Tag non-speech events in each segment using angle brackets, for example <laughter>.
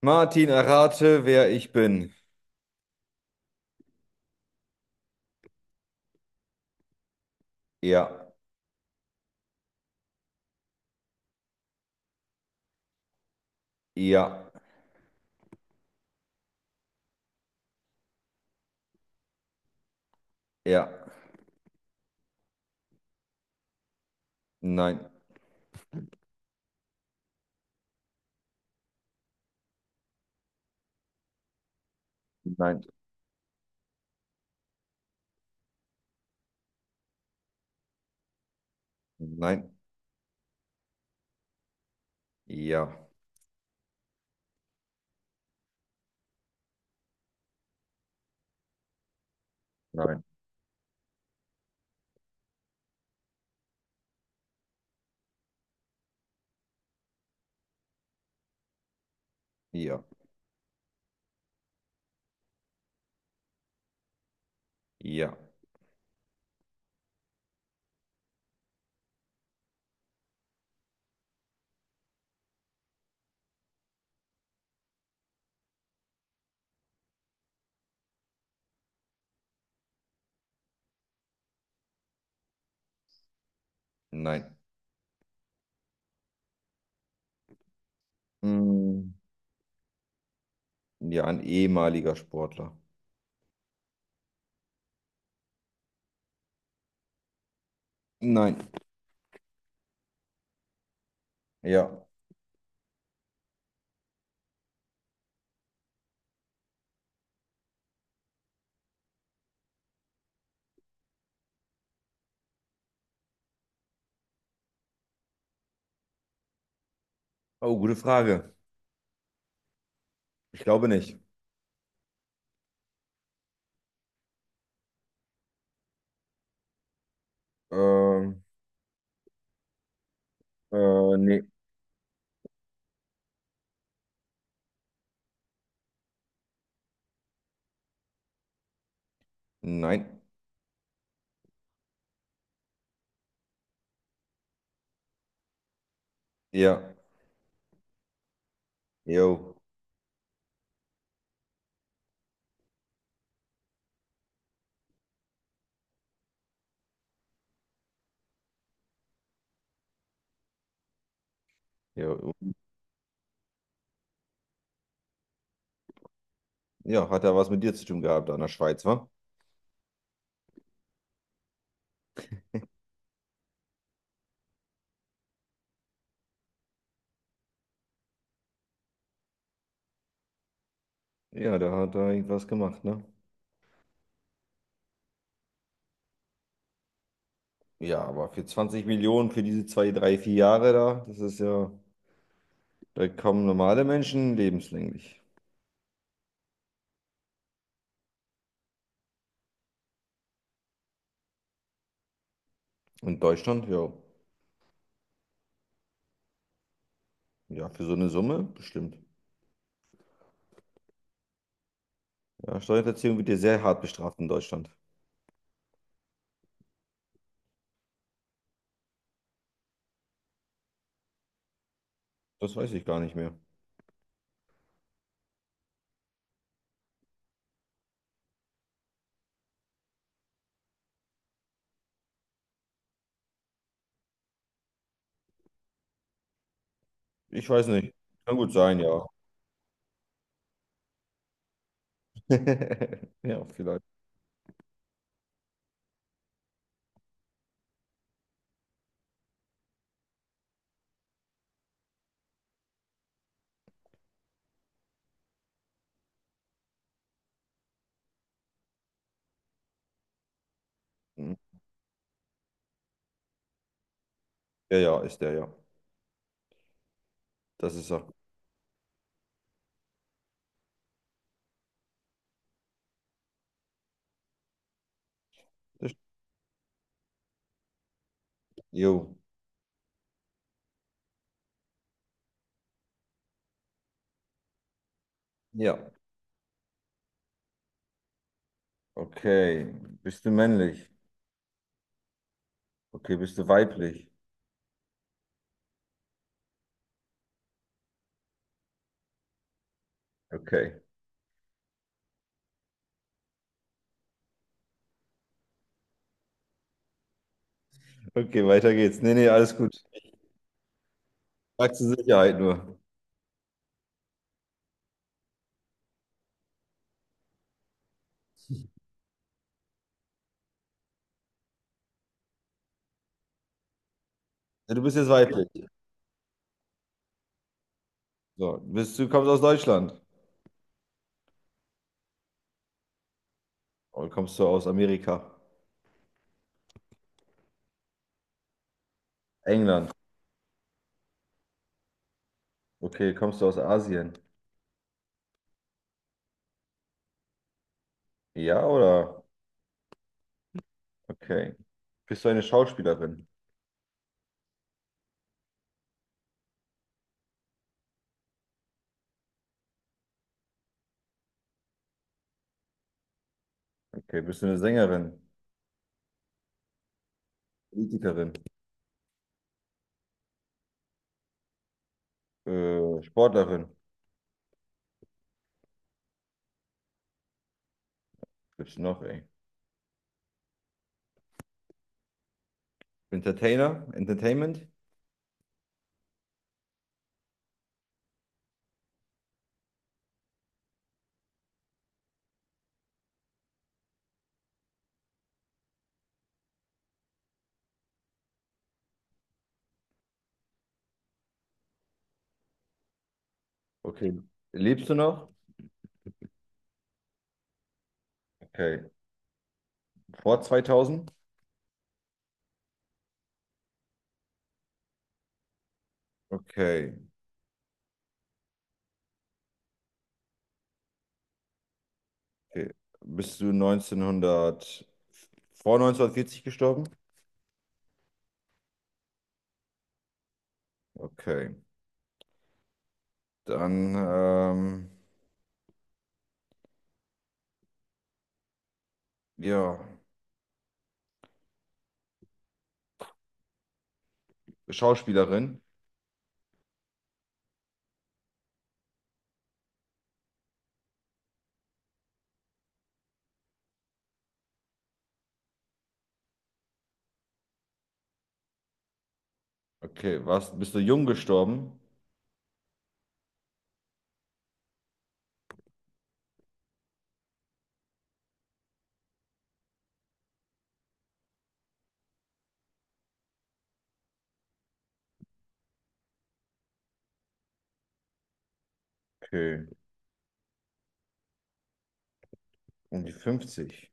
Martin, errate, wer ich bin. Ja, ja, ja, nein, nein, nein, ja, nein, ja, ja, nein. Hm, ja, ein ehemaliger Sportler. Nein, ja. Oh, gute Frage. Ich glaube nicht. Ähm, Nee. Nein, ja, jo, jo. Ja, hat er was mit dir zu tun gehabt, an der Schweiz, wa? Ja, da hat er irgendwas gemacht, ne? Ja, aber für 20 Millionen für diese zwei, drei, vier Jahre da, das ist ja. Da kommen normale Menschen lebenslänglich. In Deutschland, ja. Ja, für so eine Summe bestimmt. Ja, Steuerhinterziehung wird ja sehr hart bestraft in Deutschland. Das weiß ich gar nicht mehr. Ich weiß nicht. Kann gut sein, ja. <laughs> Ja, vielleicht. Hm. Ja, ja, ist der, ja. Das ist er. Das st- Jo. Ja. Okay. Bist du männlich? Okay, bist du weiblich? Okay. Okay, weiter geht's. Nee, nee, alles gut. Frag zur Sicherheit nur. Ja, du bist jetzt weiblich. So, bist du kommst aus Deutschland? Oder kommst du aus Amerika? England. Okay, kommst du aus Asien? Ja, oder? Okay. Bist du eine Schauspielerin? Okay. Bist du eine Sängerin? Politikerin? Sportlerin? Gibt's noch, ey? Entertainer? Entertainment? Okay. Lebst du noch? Okay. Vor 2000? Okay. Okay. Bist du 1900, vor 1940 gestorben? Okay. Dann, ja, Schauspielerin. Okay. Was, bist du jung gestorben? Okay. Um die 50.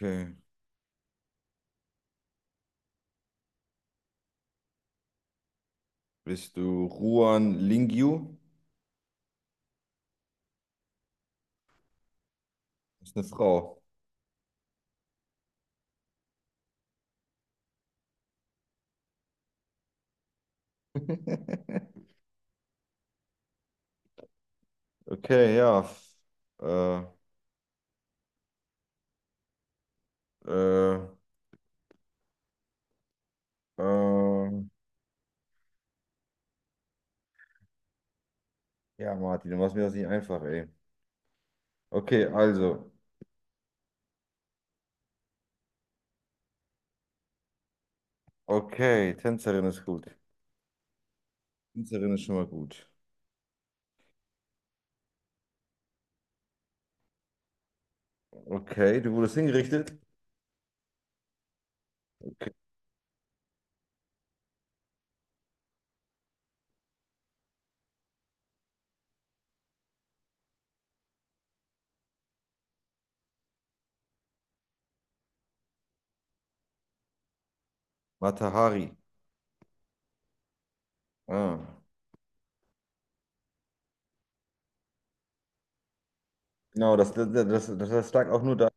Okay. Bist du Ruan Lingyu? Ist eine Frau. <laughs> Okay, ja. Äh, äh, äh, ja, Martin, du machst mir das nicht einfach, ey. Okay, also. Okay, Tänzerin ist gut. Tänzerin ist schon mal gut. Okay, du wurdest hingerichtet. Okay. Matahari. Ah. Genau, das, das, das, das lag auch nur da.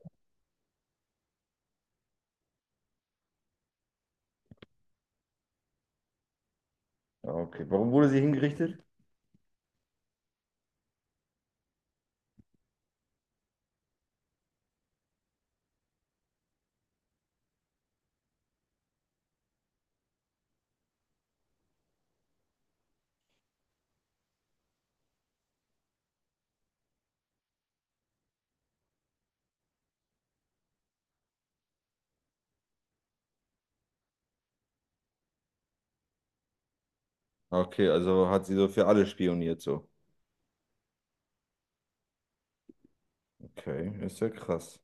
Ah, okay, warum wurde sie hingerichtet? Okay, also hat sie so für alle spioniert, so. Okay, ist ja krass.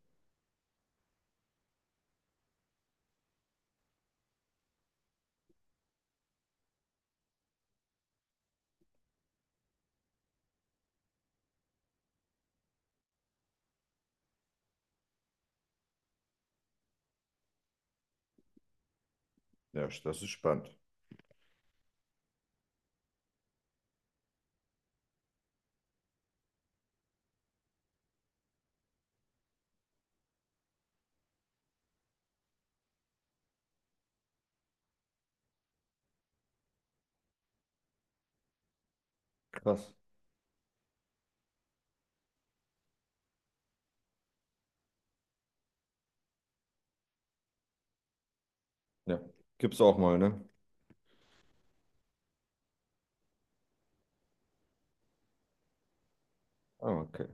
Ja, das ist spannend. Krass. Ja. Gibt's auch mal, ne? Ah, okay.